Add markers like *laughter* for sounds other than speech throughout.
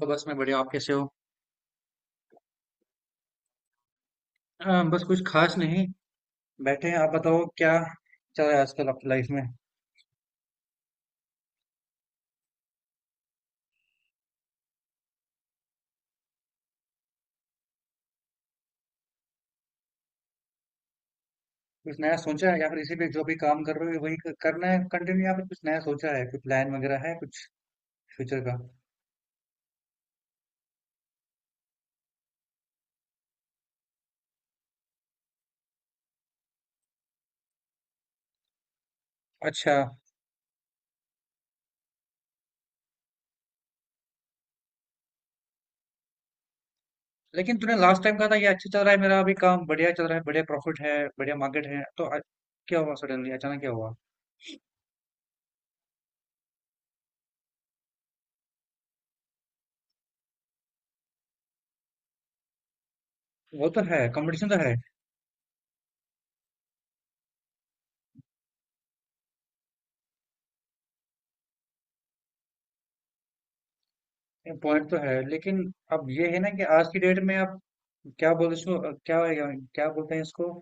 तो बस मैं बढ़िया। आप कैसे हो? बस कुछ खास नहीं। बैठे हैं। आप बताओ क्या चल रहा है आजकल आपकी लाइफ में। कुछ नया सोचा है या फिर इसी पे जो भी काम कर रहे हो वही करना है कंटिन्यू, या फिर कुछ नया सोचा है? कोई प्लान वगैरह है कुछ फ्यूचर का? अच्छा। लेकिन तूने लास्ट टाइम कहा था ये अच्छा चल रहा है, मेरा अभी काम बढ़िया चल रहा है, बढ़िया प्रॉफिट है, बढ़िया मार्केट है, तो क्या हुआ सडनली? अचानक क्या हुआ? वो तो है, कंपटीशन तो है। पॉइंट तो है, लेकिन अब ये है ना कि आज की डेट में आप क्या बोलते इसको, क्या क्या बोलते हैं इसको?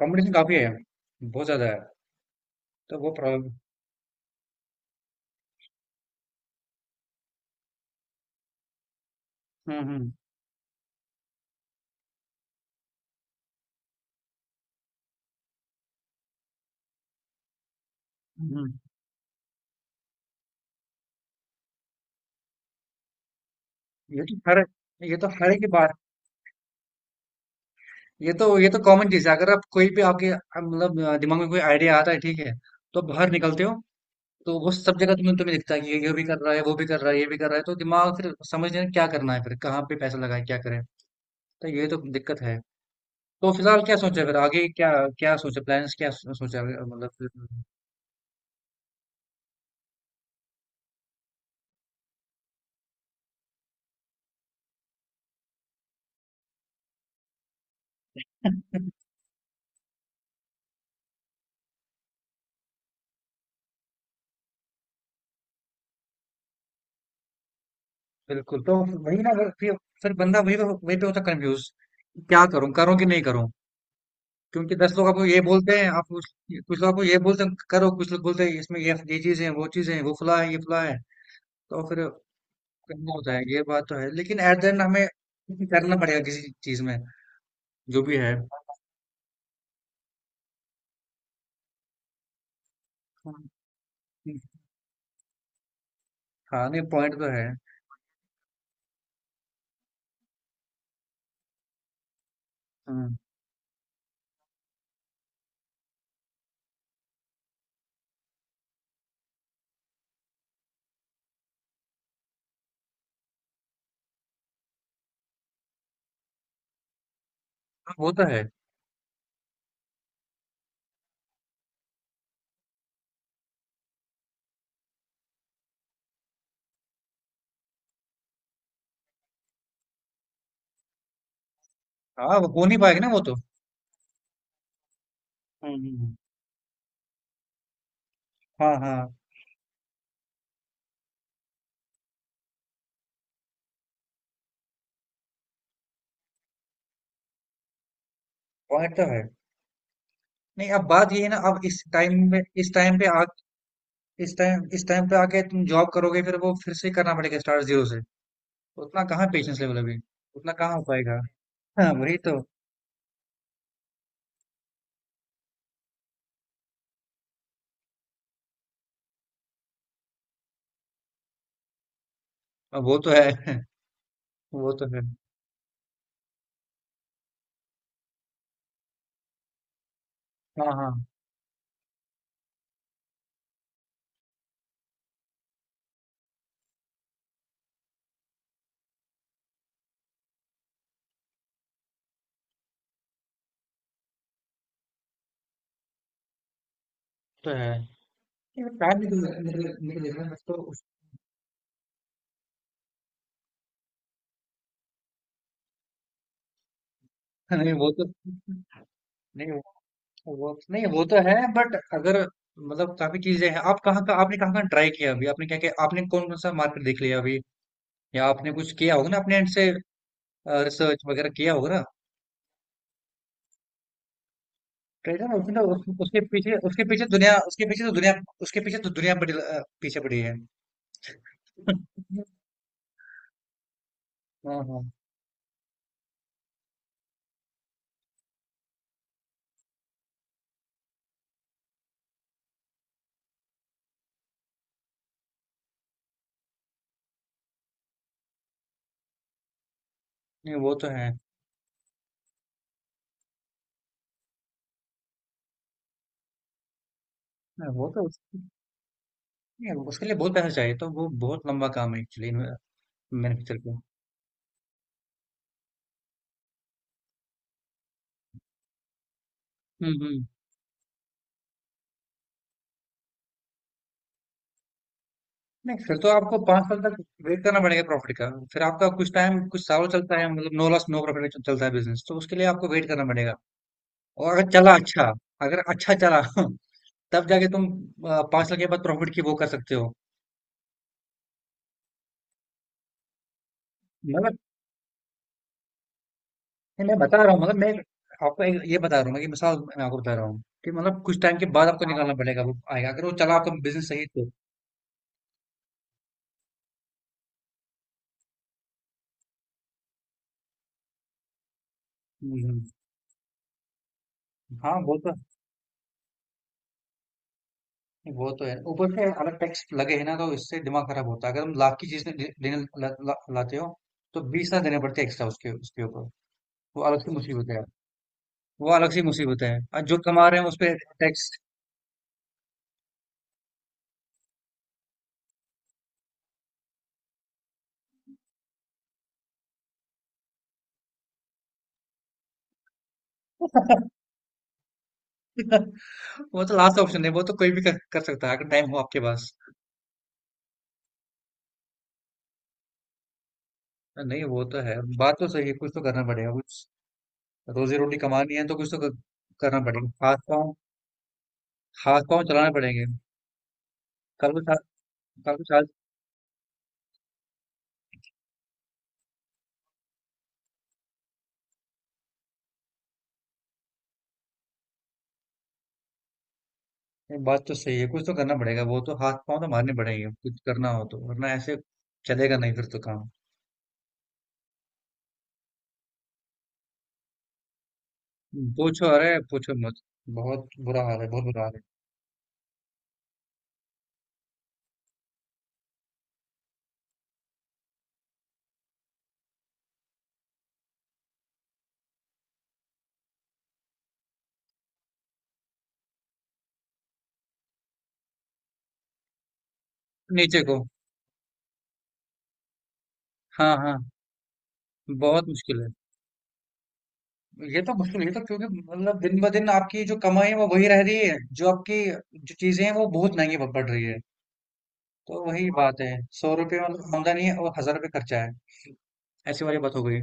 कंपटीशन काफी है, बहुत ज्यादा है, तो वो प्रॉब्लम। हम्म, हम्म, ये तो हर ये तो हर एक की बात, ये तो कॉमन चीज है। अगर आप कोई भी आपके आप मतलब दिमाग में कोई आइडिया आता है, ठीक है? तो बाहर निकलते हो तो वो सब जगह तुम्हें तुम्हें दिखता है कि ये भी कर रहा है, वो भी कर रहा है, ये भी कर रहा है। तो दिमाग फिर समझ नहीं आता क्या करना है, फिर कहाँ पे पैसा लगाए, क्या करें। तो ये तो दिक्कत है। तो फिलहाल क्या सोचा है फिर आगे? क्या क्या सोचा प्लान्स, क्या सोचा है? मतलब *laughs* बिल्कुल। तो वही ना, अगर फिर... बंदा वही पे होता कंफ्यूज। क्या करूं, करूं कि नहीं करूं? क्योंकि 10 लोग आपको ये बोलते हैं, आप कुछ कुछ लोग आपको ये बोलते हैं करो, कुछ लोग बोलते हैं इसमें ये चीजें हैं, वो चीजें हैं, वो फला है, ये फला है, तो फिर करना होता है। ये बात तो है, लेकिन एट द एंड हमें करना पड़ेगा किसी चीज में, जो भी है। हाँ, नहीं, पॉइंट तो है। हम्म, हाँ, वो तो है। हाँ, वो हो नहीं पाएगा ना, वो तो... हम्म, हाँ, हाँ, पॉइंट तो है। नहीं, अब बात ये है ना, अब इस टाइम पे... इस टाइम पे आके तुम जॉब करोगे, फिर वो फिर से करना पड़ेगा स्टार्ट जीरो से। उतना कहाँ पेशेंस लेवल अभी, उतना कहाँ हो पाएगा। हाँ, वही तो। अब वो तो है। *laughs* वो तो है, हाँ, हाँ तो है। टाइम निकल... निकल जाएगा, बस तो नहीं वो तो नहीं वो नहीं, वो तो है, बट अगर... मतलब काफी चीजें हैं, आप कहाँ का आपने कहाँ कहाँ ट्राई किया अभी, आपने क्या क्या, आपने कौन कौन सा मार्केट देख लिया अभी? या आपने कुछ किया होगा ना अपने एंड से, रिसर्च वगैरह किया होगा ना। ट्रेजर... उसके पीछे तो दुनिया पड़ी, पीछे पड़ी है। *laughs* हाँ, हाँ। नहीं, वो तो है। नहीं, नहीं, उसके लिए बहुत पैसा चाहिए, तो वो बहुत लंबा काम है एक्चुअली। मैन्युफैक्चर का। हम्म, हम्म। नहीं, फिर तो आपको 5 साल तक वेट करना पड़ेगा प्रॉफिट का। फिर आपका कुछ टाइम, कुछ साल चलता है मतलब, नो लॉस नो प्रॉफिट चलता है बिजनेस, तो उसके लिए आपको वेट करना पड़ेगा। और अगर चला अच्छा, अगर अच्छा चला। *laughs* तब जाके तुम 5 साल के बाद प्रॉफिट की वो कर सकते हो। मतलब नहीं, मैं बता रहा हूँ मतलब, मैं आपको एक ये बता रहा हूँ ना कि मिसाल मैं आपको बता रहा हूँ कि मतलब कुछ टाइम के बाद आपको निकालना पड़ेगा, वो आएगा अगर वो चला आपका बिजनेस सही तो। हम्म, हाँ वो तो है, ऊपर से अलग टैक्स लगे है ना, तो इससे दिमाग खराब होता है। अगर हम लाख की चीज लेने ला, ला, लाते हो, तो 20 लाख देने पड़ते हैं एक्स्ट्रा उसके उसके ऊपर। वो अलग सी मुसीबत है। वो अलग सी मुसीबत है, और जो कमा रहे हैं उस पे टैक्स। *laughs* वो तो लास्ट ऑप्शन है। वो तो कोई भी कर सकता है अगर टाइम हो आपके पास। नहीं, वो तो है, बात तो सही है, कुछ तो करना पड़ेगा। रोजी रोटी कमानी है तो कुछ तो करना पड़ेगा। हाथ पाँव... हाथ पाँव चलाने पड़ेंगे। कल को सा- कल को साल... ये बात तो सही है, कुछ तो करना पड़ेगा, वो तो हाथ पाँव तो मारने पड़ेंगे, कुछ करना हो तो। वरना ऐसे चलेगा नहीं फिर तो काम। पूछो अरे पूछो मत। बहुत बुरा हाल है, बहुत बुरा हाल है। नीचे को। हाँ, हाँ, बहुत मुश्किल है। ये तो मुश्किल है, ये तो क्योंकि मतलब दिन ब दिन आपकी जो कमाई है वो वही रह रही है, जो चीजें हैं वो बहुत महंगी पड़ रही है। तो वही बात है। 100 रुपये मतलब आमदनी है और 1000 रुपये खर्चा है, ऐसी वाली बात हो गई।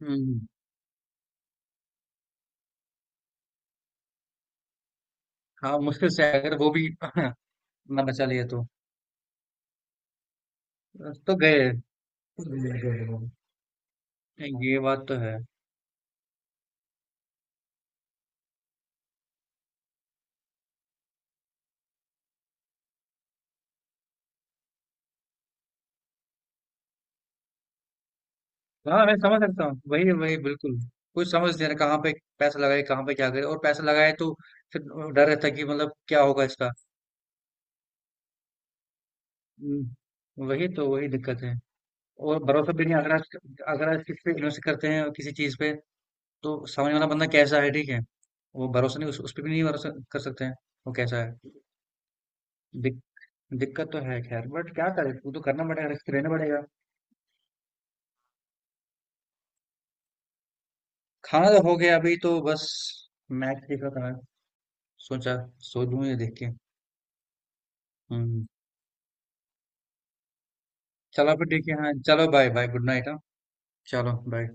हुँ, हुँ। हाँ, मुश्किल से अगर वो भी *laughs* ना बचा लिए तो। तो गए। नहीं। ये बात तो है। हाँ, मैं समझ सकता हूँ। वही, वही बिल्कुल। कुछ समझ नहीं रहा कहाँ पे पैसा लगाए, कहाँ पे क्या करे, और पैसा लगाए तो फिर डर रहता है कि मतलब क्या होगा इसका? हुँ, वही तो, वही दिक्कत है। और भरोसा भी नहीं। अगर आज किसी पे इन्वेस्ट करते हैं किसी चीज़ पे, तो सामने वाला बंदा कैसा है, ठीक है? वो भरोसा नहीं, उस उसपे भी नहीं भरोसा कर सकते हैं, वो कैसा है। दिक दिक्कत तो है खैर, बट क्या करे, वो तो करना पड़ेगा, रिस्क तो लेना पड़ेगा। खाना तो हो गया। अभी तो बस मैच देख रहा था मैं, सोचा सो लूं ये देख के। हम्म। चलो फिर ठीक है, हाँ चलो, बाय बाय, गुड नाइट, हाँ चलो बाय।